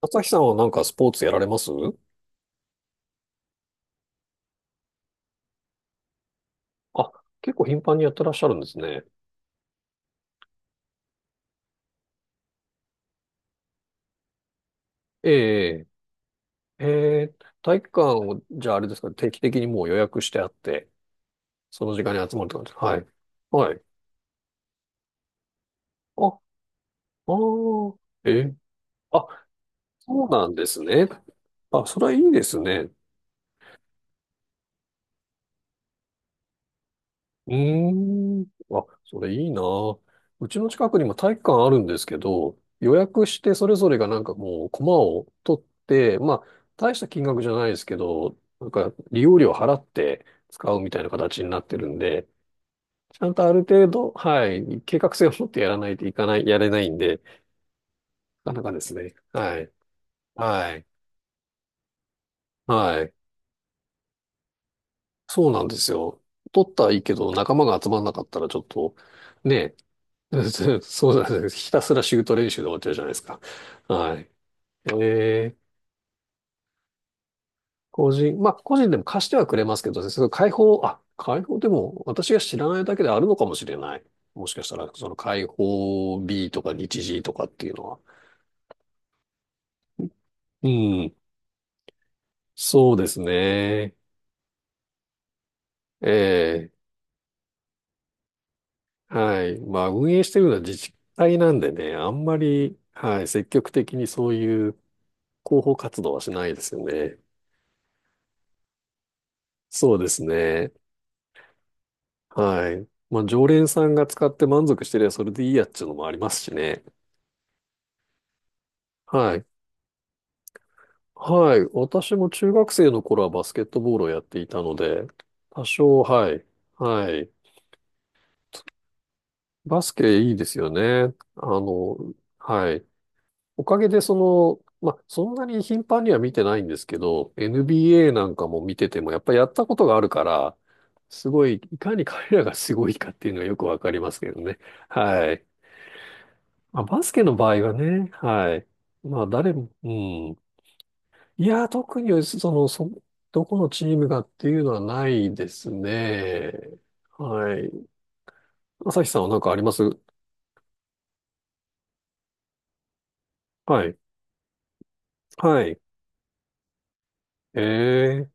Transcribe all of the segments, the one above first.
朝日さんはなんかスポーツやられます？あ、結構頻繁にやってらっしゃるんですね。ええ、ええ、体育館を、じゃああれですか、定期的にもう予約してあって、その時間に集まるって感じ。はい。はい。あ、ああ、ええ、あ、そうなんですね。あ、それはいいですね。うーん。あ、それいいな。うちの近くにも体育館あるんですけど、予約してそれぞれがなんかもうコマを取って、まあ、大した金額じゃないですけど、なんか利用料払って使うみたいな形になってるんで、ちゃんとある程度、はい、計画性を持ってやらないといかない、やれないんで、なかなかですね。はい。はい。はい。そうなんですよ。取ったはいいけど、仲間が集まんなかったらちょっと、ね。 そうなんです。ひたすらシュート練習で終わっちゃうじゃないですか。はい。えー、まあ、個人でも貸してはくれますけどね、その開放でも私が知らないだけであるのかもしれない。もしかしたら、その開放 B とか日時とかっていうのは。うん、そうですね。ええ、はい。まあ、運営してるのは自治体なんでね、あんまり、はい、積極的にそういう広報活動はしないですよね。そうですね。はい。まあ、常連さんが使って満足してりゃそれでいいやっちゅうのもありますしね。はい。はい。私も中学生の頃はバスケットボールをやっていたので、多少、はい。はい。バスケいいですよね。あの、はい。おかげでその、まあ、そんなに頻繁には見てないんですけど、NBA なんかも見てても、やっぱりやったことがあるから、すごい、いかに彼らがすごいかっていうのがよくわかりますけどね。はい。まあ、バスケの場合はね、はい。まあ、誰も、うん。いや、特に、その、どこのチームがっていうのはないですね。はい。朝日さんは何かあります？はい。はい。ええ。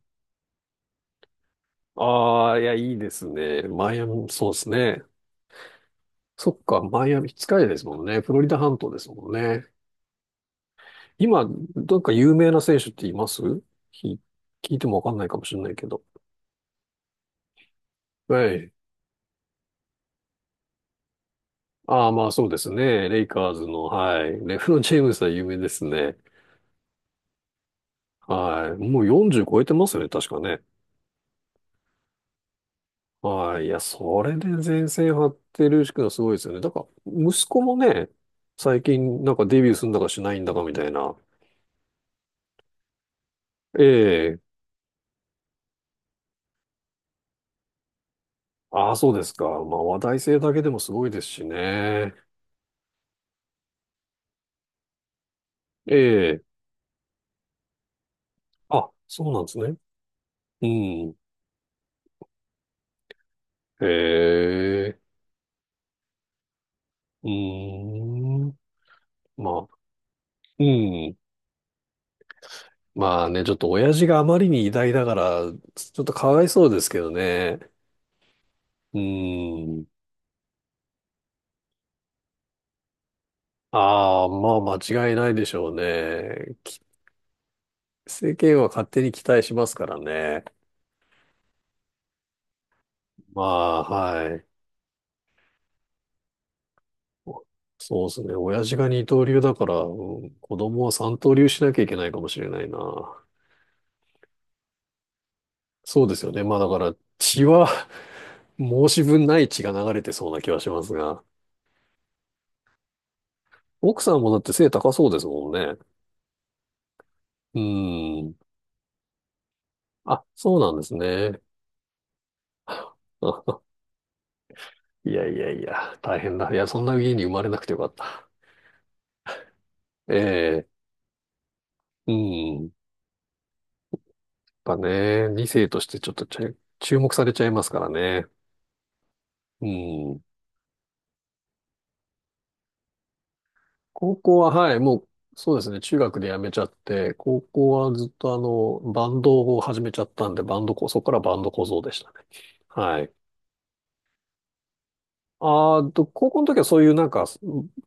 ああ、いや、いいですね。マイアミ、そうですね。そっか、マイアミ、近いですもんね。フロリダ半島ですもんね。今、なんか有名な選手っています？ひ聞いてもわかんないかもしれないけど。はい。ああ、まあそうですね。レイカーズの、はい。レブロン・ジェームスは有名ですね。はい。もう40超えてますよね、確かね。はい。いや、それで前線張ってるしくはすごいですよね。だから、息子もね、最近なんかデビューするんだかしないんだかみたいな。ええ。ああ、そうですか。まあ話題性だけでもすごいですしね。ええ。あ、そうなんですね。うん。ええ。うーん。まあ、うん。まあね、ちょっと親父があまりに偉大だから、ちょっとかわいそうですけどね。うーん。ああ、まあ間違いないでしょうね。世間は勝手に期待しますからね。まあ、はい。そうですね。親父が二刀流だから、うん、子供は三刀流しなきゃいけないかもしれないな。そうですよね。まあだから血は、 申し分ない血が流れてそうな気はしますが。奥さんもだって背高そうですもんね。うーん。あ、そうなんですね。あいやいやいや、大変だ。いや、そんな家に生まれなくてよかった。ええ、うん。やっぱね、2世としてちょっと注目されちゃいますからね。うん。高校は、はい、もう、そうですね、中学で辞めちゃって、高校はずっとあの、バンドを始めちゃったんで、バンドこ、そこからバンド小僧でしたね。はい。あーと、高校の時はそういうなんか、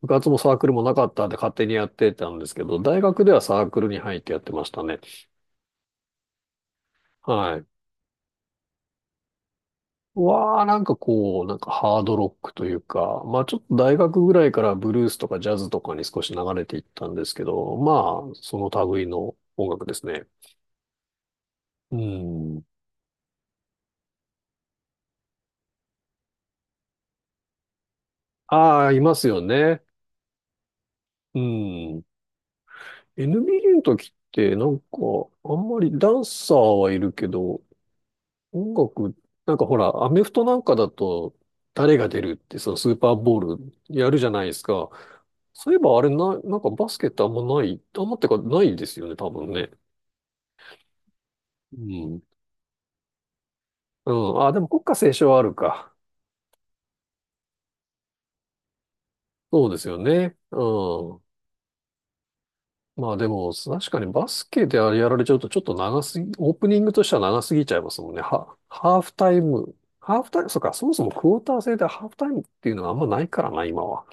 部活もサークルもなかったんで勝手にやってたんですけど、大学ではサークルに入ってやってましたね。はい。わあ、なんかこう、なんかハードロックというか、まあちょっと大学ぐらいからブルースとかジャズとかに少し流れていったんですけど、まあその類の音楽ですね。うん。ああ、いますよね。うん。NBA の時ってなんか、あんまりダンサーはいるけど、音楽、なんかほら、アメフトなんかだと、誰が出るって、そのスーパーボールやるじゃないですか。そういえばあれな、なんかバスケってあんまない、あんまってかないですよね、多分ね。うん。うん。あ、でも国歌斉唱はあるか。そうですよね。うん。まあでも、確かにバスケであれやられちゃうとちょっと長すぎ、オープニングとしては長すぎちゃいますもんね。ハーフタイム。ハーフタイム、そうか、そもそもクォーター制でハーフタイムっていうのはあんまないからな、今は。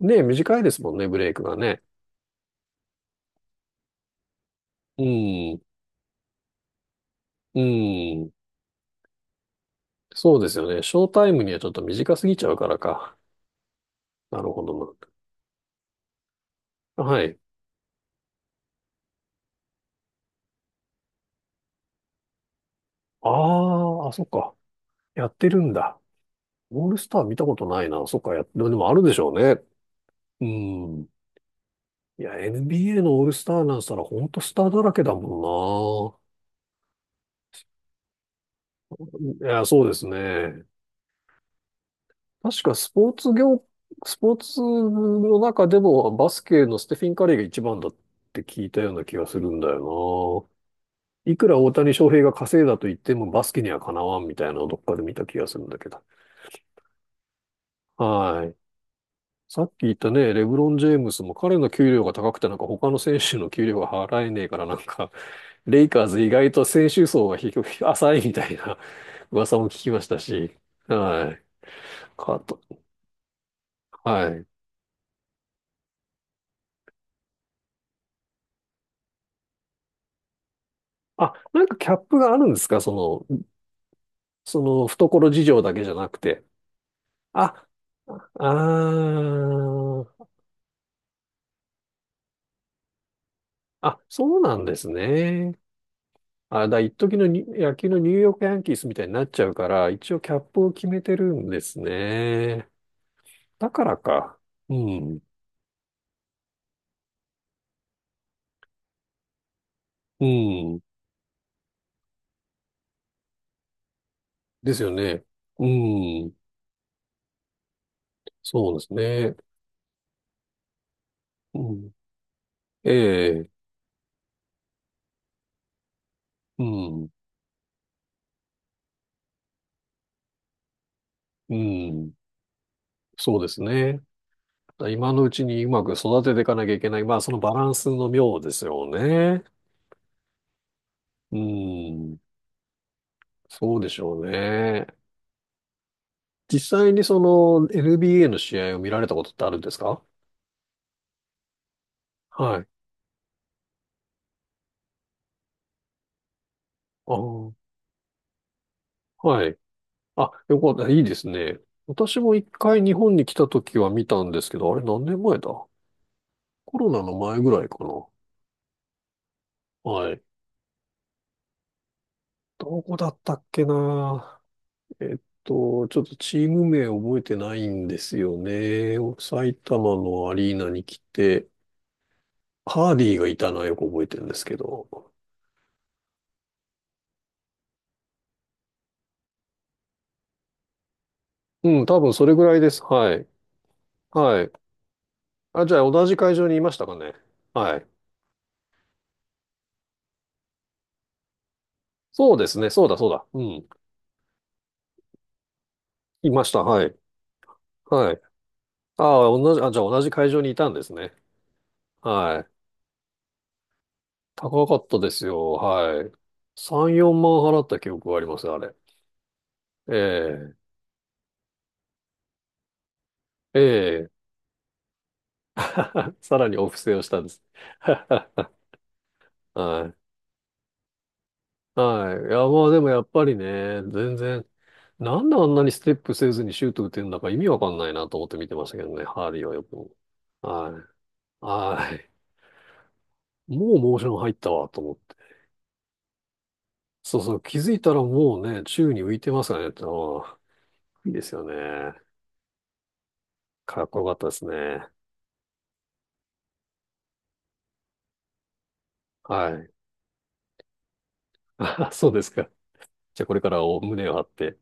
ねえ、短いですもんね、ブレイクがね。うん。うん。そうですよね。ショータイムにはちょっと短すぎちゃうからか。なるほどな。はい。ああ、あ、そっか。やってるんだ。オールスター見たことないな。そっか、や、でもあるでしょうね。うん。いや、NBA のオールスターなんしたらほんとスターだらけだもんな。いや、そうですね。確かスポーツの中でもバスケのステフィン・カリーが一番だって聞いたような気がするんだよな。いくら大谷翔平が稼いだと言ってもバスケにはかなわんみたいなのをどっかで見た気がするんだけど。はい。さっき言ったね、レブロン・ジェームスも彼の給料が高くてなんか他の選手の給料が払えねえからなんか、レイカーズ意外と選手層が低く浅いみたいな 噂も聞きましたし、はい。かと、はい。あ、なんかキャップがあるんですか？の、その懐事情だけじゃなくて。あ、あー、あ、そうなんですね。あ、一時のに野球のニューヨークヤンキースみたいになっちゃうから、一応キャップを決めてるんですね。だからか。うん。うん。ですよね。うん。そうですね。うん。ええ。うん。うん。そうですね。今のうちにうまく育てていかなきゃいけない。まあ、そのバランスの妙ですよね。うん。そうでしょうね。実際にその NBA の試合を見られたことってあるんですか？はい。あー、はい。あ、よかった。いいですね。私も一回日本に来た時は見たんですけど、あれ何年前だ？コロナの前ぐらいかな。はい。どこだったっけな。えっちょっとチーム名覚えてないんですよね。埼玉のアリーナに来て、ハーディーがいたのはよく覚えてるんですけど。うん、多分それぐらいです。はい。はい。あ、じゃあ同じ会場にいましたかね。はい。そうですね。そうだ、そうだ。うん。いました。はい。はい。ああ、同じ、あ、じゃあ同じ会場にいたんですね。はい。高かったですよ。はい。3、4万払った記憶があります、あれ。ええ、ええ、さらにお布施をしたんです。はい。はい。いや、まあでもやっぱりね、全然、なんであんなにステップせずにシュート打てるんだか意味わかんないなと思って見てましたけどね、ハーリーはよく。はい。はい。もうモーション入ったわと思って。そうそう、気づいたらもうね、宙に浮いてますからね、ああいいですよね。かっこよかったですね。はい。そうですか。じゃあこれからお胸を張って。